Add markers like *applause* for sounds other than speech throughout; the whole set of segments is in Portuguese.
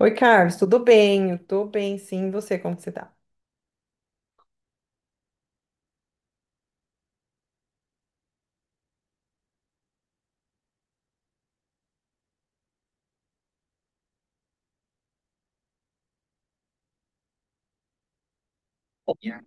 Oi, Carlos, tudo bem? Eu tô bem, sim. E você, como que você tá? *laughs*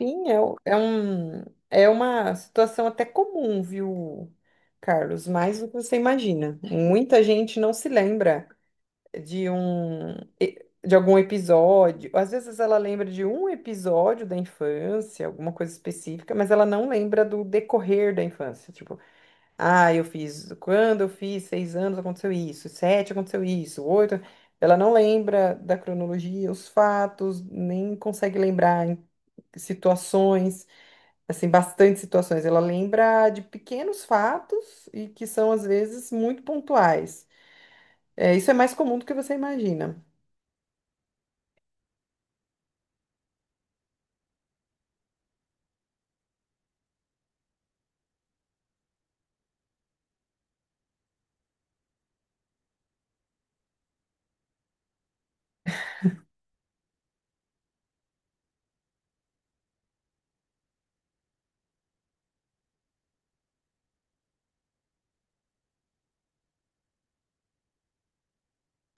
Sim, é, é uma situação até comum, viu, Carlos? Mais do que você imagina. Muita gente não se lembra de um de algum episódio. Às vezes ela lembra de um episódio da infância, alguma coisa específica, mas ela não lembra do decorrer da infância. Tipo, ah, quando eu fiz 6 anos aconteceu isso, sete aconteceu isso, oito. Ela não lembra da cronologia, os fatos, nem consegue lembrar situações assim, bastante situações. Ela lembra de pequenos fatos e que são, às vezes, muito pontuais. É, isso é mais comum do que você imagina.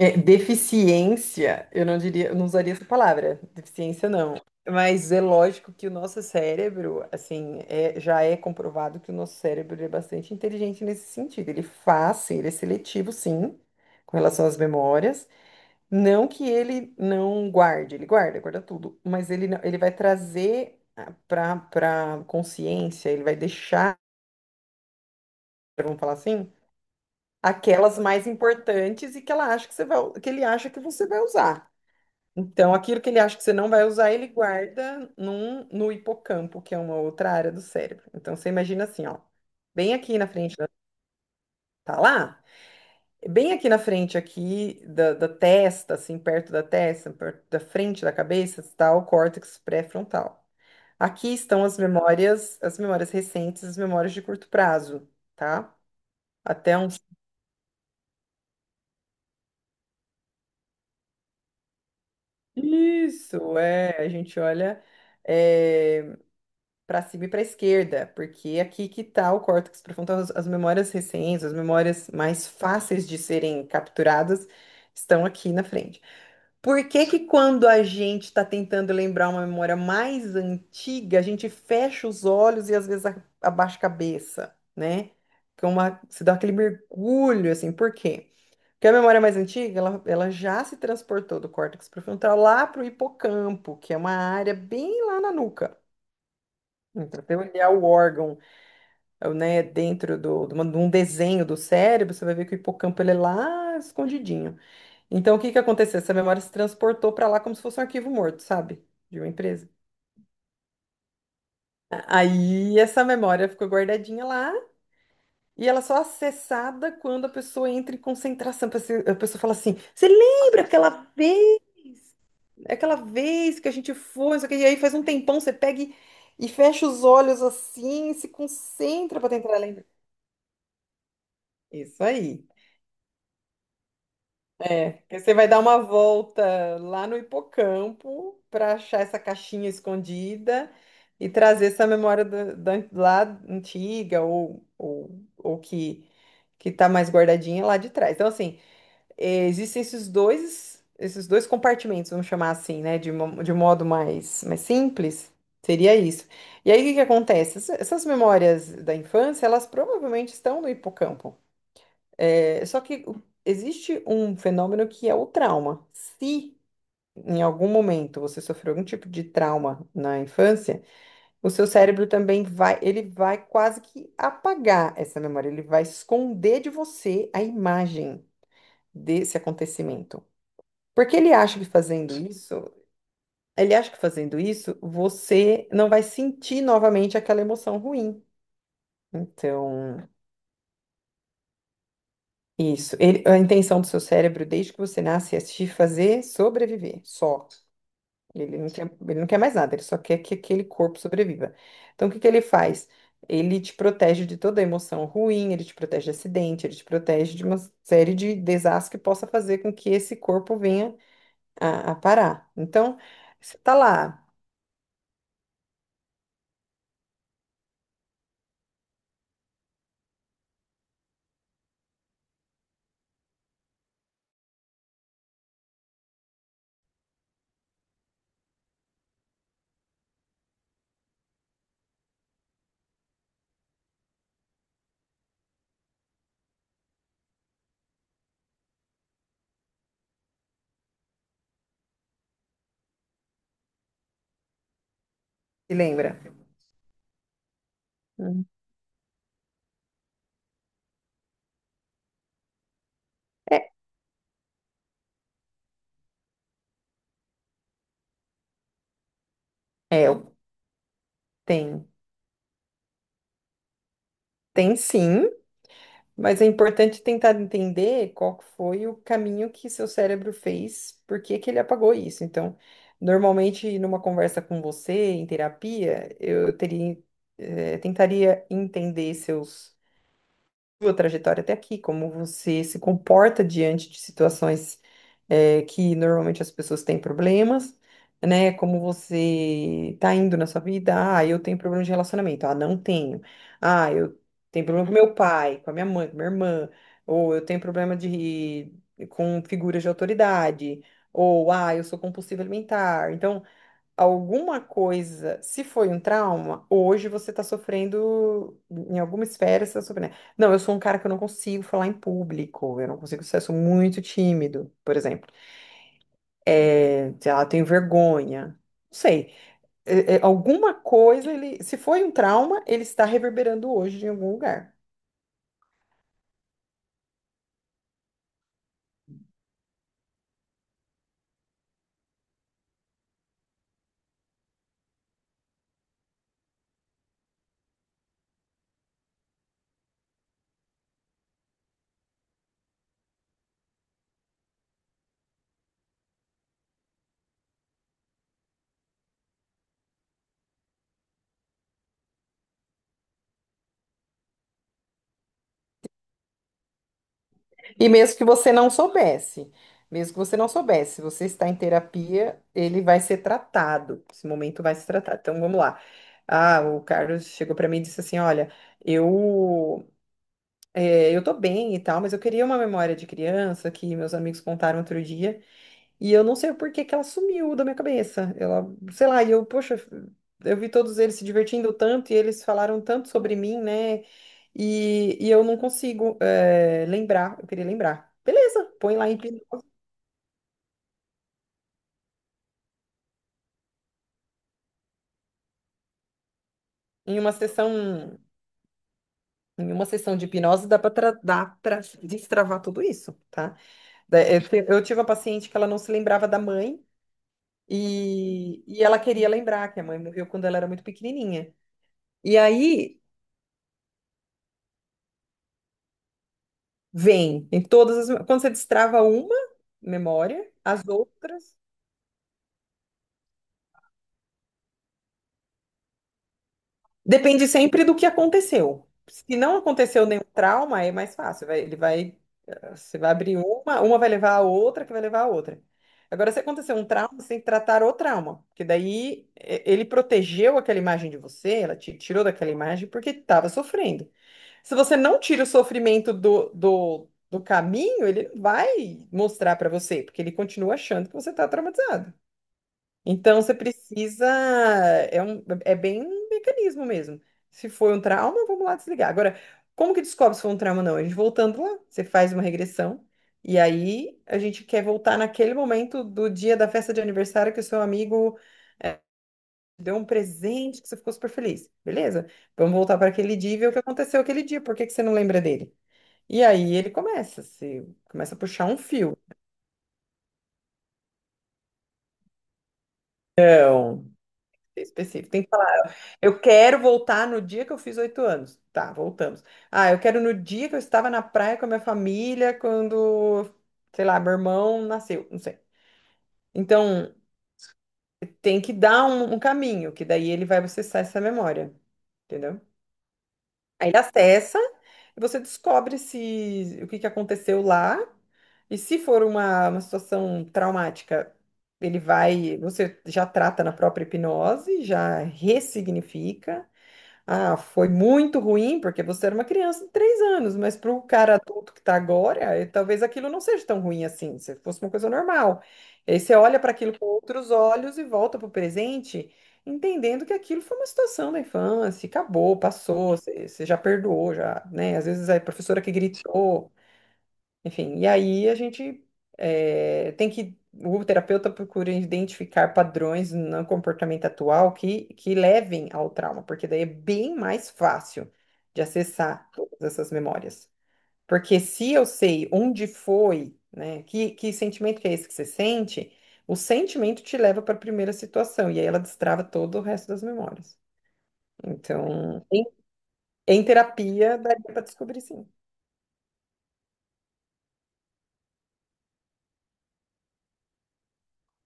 É, deficiência, eu não diria, eu não usaria essa palavra, deficiência não. Mas é lógico que o nosso cérebro, assim, já é comprovado que o nosso cérebro é bastante inteligente nesse sentido. Ele faz, sim, ele é seletivo, sim, com relação às memórias. Não que ele não guarde, ele guarda, guarda tudo, mas ele, ele vai trazer para consciência, ele vai deixar, vamos falar assim, aquelas mais importantes e que ela acha que você vai, que ele acha que você vai usar. Então, aquilo que ele acha que você não vai usar, ele guarda no hipocampo, que é uma outra área do cérebro. Então, você imagina assim, ó, bem aqui na frente da tá lá bem aqui na frente, aqui da testa, assim, perto da testa, perto da frente da cabeça, está o córtex pré-frontal. Aqui estão as memórias recentes, as memórias de curto prazo, tá? Até uns. Isso, é, a gente olha para cima e para esquerda, porque é aqui que está o córtex pré-frontal, as memórias recentes, as memórias mais fáceis de serem capturadas estão aqui na frente. Por que que quando a gente está tentando lembrar uma memória mais antiga, a gente fecha os olhos e às vezes abaixa a cabeça, né? Que é se dá aquele mergulho, assim, por quê? Porque a memória mais antiga, ela já se transportou do córtex prefrontal lá para o hipocampo, que é uma área bem lá na nuca. Então, se você olhar o órgão, né, dentro de um desenho do cérebro, você vai ver que o hipocampo ele é lá escondidinho. Então, o que que aconteceu? Essa memória se transportou para lá como se fosse um arquivo morto, sabe? De uma empresa. Aí essa memória ficou guardadinha lá e ela só é acessada quando a pessoa entra em concentração. A pessoa fala assim: Você lembra vez, aquela vez que a gente foi? Não sei o quê?" E aí faz um tempão você pega e fecha os olhos assim, se concentra para tentar lembrar. Isso aí. É, porque você vai dar uma volta lá no hipocampo para achar essa caixinha escondida e trazer essa memória lá antiga ou, ou que que está mais guardadinha lá de trás. Então, assim, existem esses dois compartimentos, vamos chamar assim, né, de modo mais simples. Seria isso. E aí, o que que acontece? Essas memórias da infância, elas provavelmente estão no hipocampo. É, só que existe um fenômeno que é o trauma. Se em algum momento você sofreu algum tipo de trauma na infância, o seu cérebro também vai, ele vai quase que apagar essa memória, ele vai esconder de você a imagem desse acontecimento. Porque ele acha que fazendo isso, você não vai sentir novamente aquela emoção ruim. Então, isso. A intenção do seu cérebro, desde que você nasce, é te fazer sobreviver, só. Ele não quer mais nada, ele só quer que aquele corpo sobreviva. Então, o que que ele faz? Ele te protege de toda emoção ruim, ele te protege de acidente, ele te protege de uma série de desastres que possa fazer com que esse corpo venha a parar. Então, você tá lá, se lembra? Hum. É, é, tem, tem, sim. Mas é importante tentar entender qual que foi o caminho que seu cérebro fez, por que que ele apagou isso. Então, normalmente, numa conversa com você, em terapia, tentaria entender seus sua trajetória até aqui, como você se comporta diante de situações que normalmente as pessoas têm problemas, né? Como você tá indo na sua vida, ah, eu tenho problema de relacionamento, ah, não tenho. Ah, eu tenho problema com meu pai, com a minha mãe, com minha irmã, ou eu tenho problema de com figuras de autoridade, ou ah, eu sou compulsivo alimentar. Então, alguma coisa, se foi um trauma, hoje você está sofrendo, em alguma esfera você está sofrendo. Não, eu sou um cara que eu não consigo falar em público, eu não consigo ser, eu sou muito tímido, por exemplo. É, sei lá, eu tenho vergonha. Não sei. Alguma coisa, ele, se foi um trauma, ele está reverberando hoje em algum lugar. E mesmo que você não soubesse, se você está em terapia, ele vai ser tratado. Esse momento vai se tratar. Então vamos lá. Ah, o Carlos chegou para mim e disse assim: Olha, eu eu tô bem e tal, mas eu queria uma memória de criança que meus amigos contaram outro dia. E eu não sei por que que ela sumiu da minha cabeça. Ela, sei lá, e eu, poxa, eu vi todos eles se divertindo tanto e eles falaram tanto sobre mim, né? E eu não consigo lembrar, eu queria lembrar. Beleza, põe lá em uma sessão, em uma sessão de hipnose dá para destravar tudo isso, tá? Eu tive uma paciente que ela não se lembrava da mãe e ela queria lembrar que a mãe morreu quando ela era muito pequenininha. E aí vem em todas as. Quando você destrava uma memória, as outras. Depende sempre do que aconteceu. Se não aconteceu nenhum trauma, é mais fácil. Ele vai. Você vai abrir uma vai levar a outra, que vai levar a outra. Agora, se acontecer um trauma, você tem que tratar o trauma. Porque daí ele protegeu aquela imagem de você, ela te tirou daquela imagem porque estava sofrendo. Se você não tira o sofrimento do caminho, ele não vai mostrar para você, porque ele continua achando que você está traumatizado. Então você precisa. É bem um mecanismo mesmo. Se foi um trauma, vamos lá desligar. Agora, como que descobre se foi um trauma ou não? A gente voltando lá, você faz uma regressão, e aí a gente quer voltar naquele momento do dia da festa de aniversário que o seu amigo eh, deu um presente, que você ficou super feliz. Beleza? Vamos voltar para aquele dia e ver o que aconteceu aquele dia. Por que que você não lembra dele? E aí se começa a puxar um fio. Então, específico. Tem que falar. Eu quero voltar no dia que eu fiz 8 anos. Tá, voltamos. Ah, eu quero no dia que eu estava na praia com a minha família, quando, sei lá, meu irmão nasceu, não sei. Então, tem que dar um caminho, que daí ele vai acessar essa memória, entendeu? Aí ele acessa e você descobre se o que que aconteceu lá. E se for uma situação traumática, você já trata na própria hipnose, já ressignifica. Ah, foi muito ruim porque você era uma criança de 3 anos, mas para o cara adulto que está agora, talvez aquilo não seja tão ruim assim, se fosse uma coisa normal. E aí você olha para aquilo com outros olhos e volta para o presente, entendendo que aquilo foi uma situação da infância, acabou, passou, você já perdoou, já, né? Às vezes é a professora que gritou, enfim, e aí a gente tem que. O terapeuta procura identificar padrões no comportamento atual que levem ao trauma, porque daí é bem mais fácil de acessar todas essas memórias. Porque se eu sei onde foi, né, que sentimento que é esse que você sente, o sentimento te leva para a primeira situação, e aí ela destrava todo o resto das memórias. Então, em terapia, daria para descobrir sim.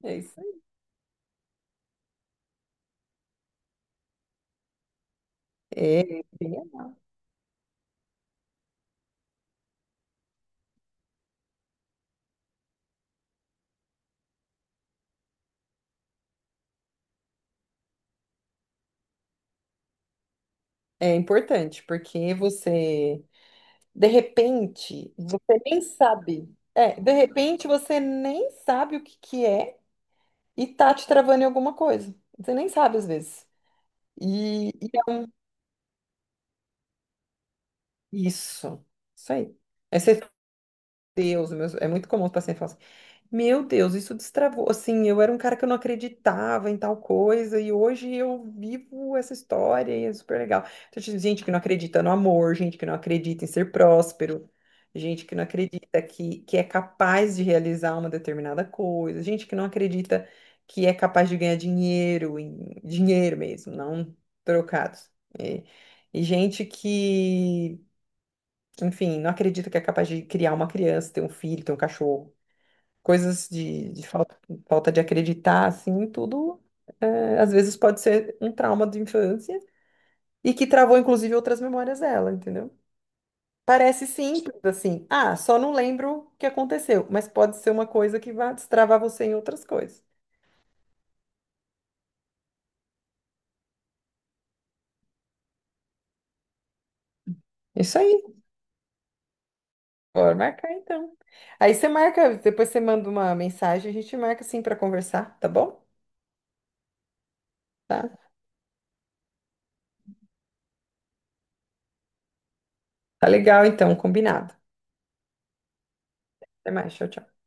É isso aí. É, bem É importante, porque você, de repente, você nem sabe. É, de repente você nem sabe o que que é e tá te travando em alguma coisa. Você nem sabe às vezes. E é isso. Isso aí. Aí você É muito comum os pacientes falarem assim, meu Deus, isso destravou, assim, eu era um cara que eu não acreditava em tal coisa, e hoje eu vivo essa história, e é super legal. Então, tipo, gente que não acredita no amor, gente que não acredita em ser próspero, gente que não acredita que é capaz de realizar uma determinada coisa, gente que não acredita que é capaz de ganhar dinheiro, dinheiro mesmo, não trocados. E, e gente que enfim, não acredita que é capaz de criar uma criança, ter um filho, ter um cachorro. Coisas de falta de acreditar, assim, tudo é, às vezes pode ser um trauma de infância e que travou, inclusive, outras memórias dela, entendeu? Parece simples, assim. Ah, só não lembro o que aconteceu, mas pode ser uma coisa que vai destravar você em outras coisas. Isso aí, bora marcar então. Aí você marca, depois você manda uma mensagem, a gente marca assim para conversar, tá bom? Tá? Tá legal então, combinado. Até mais, tchau, tchau.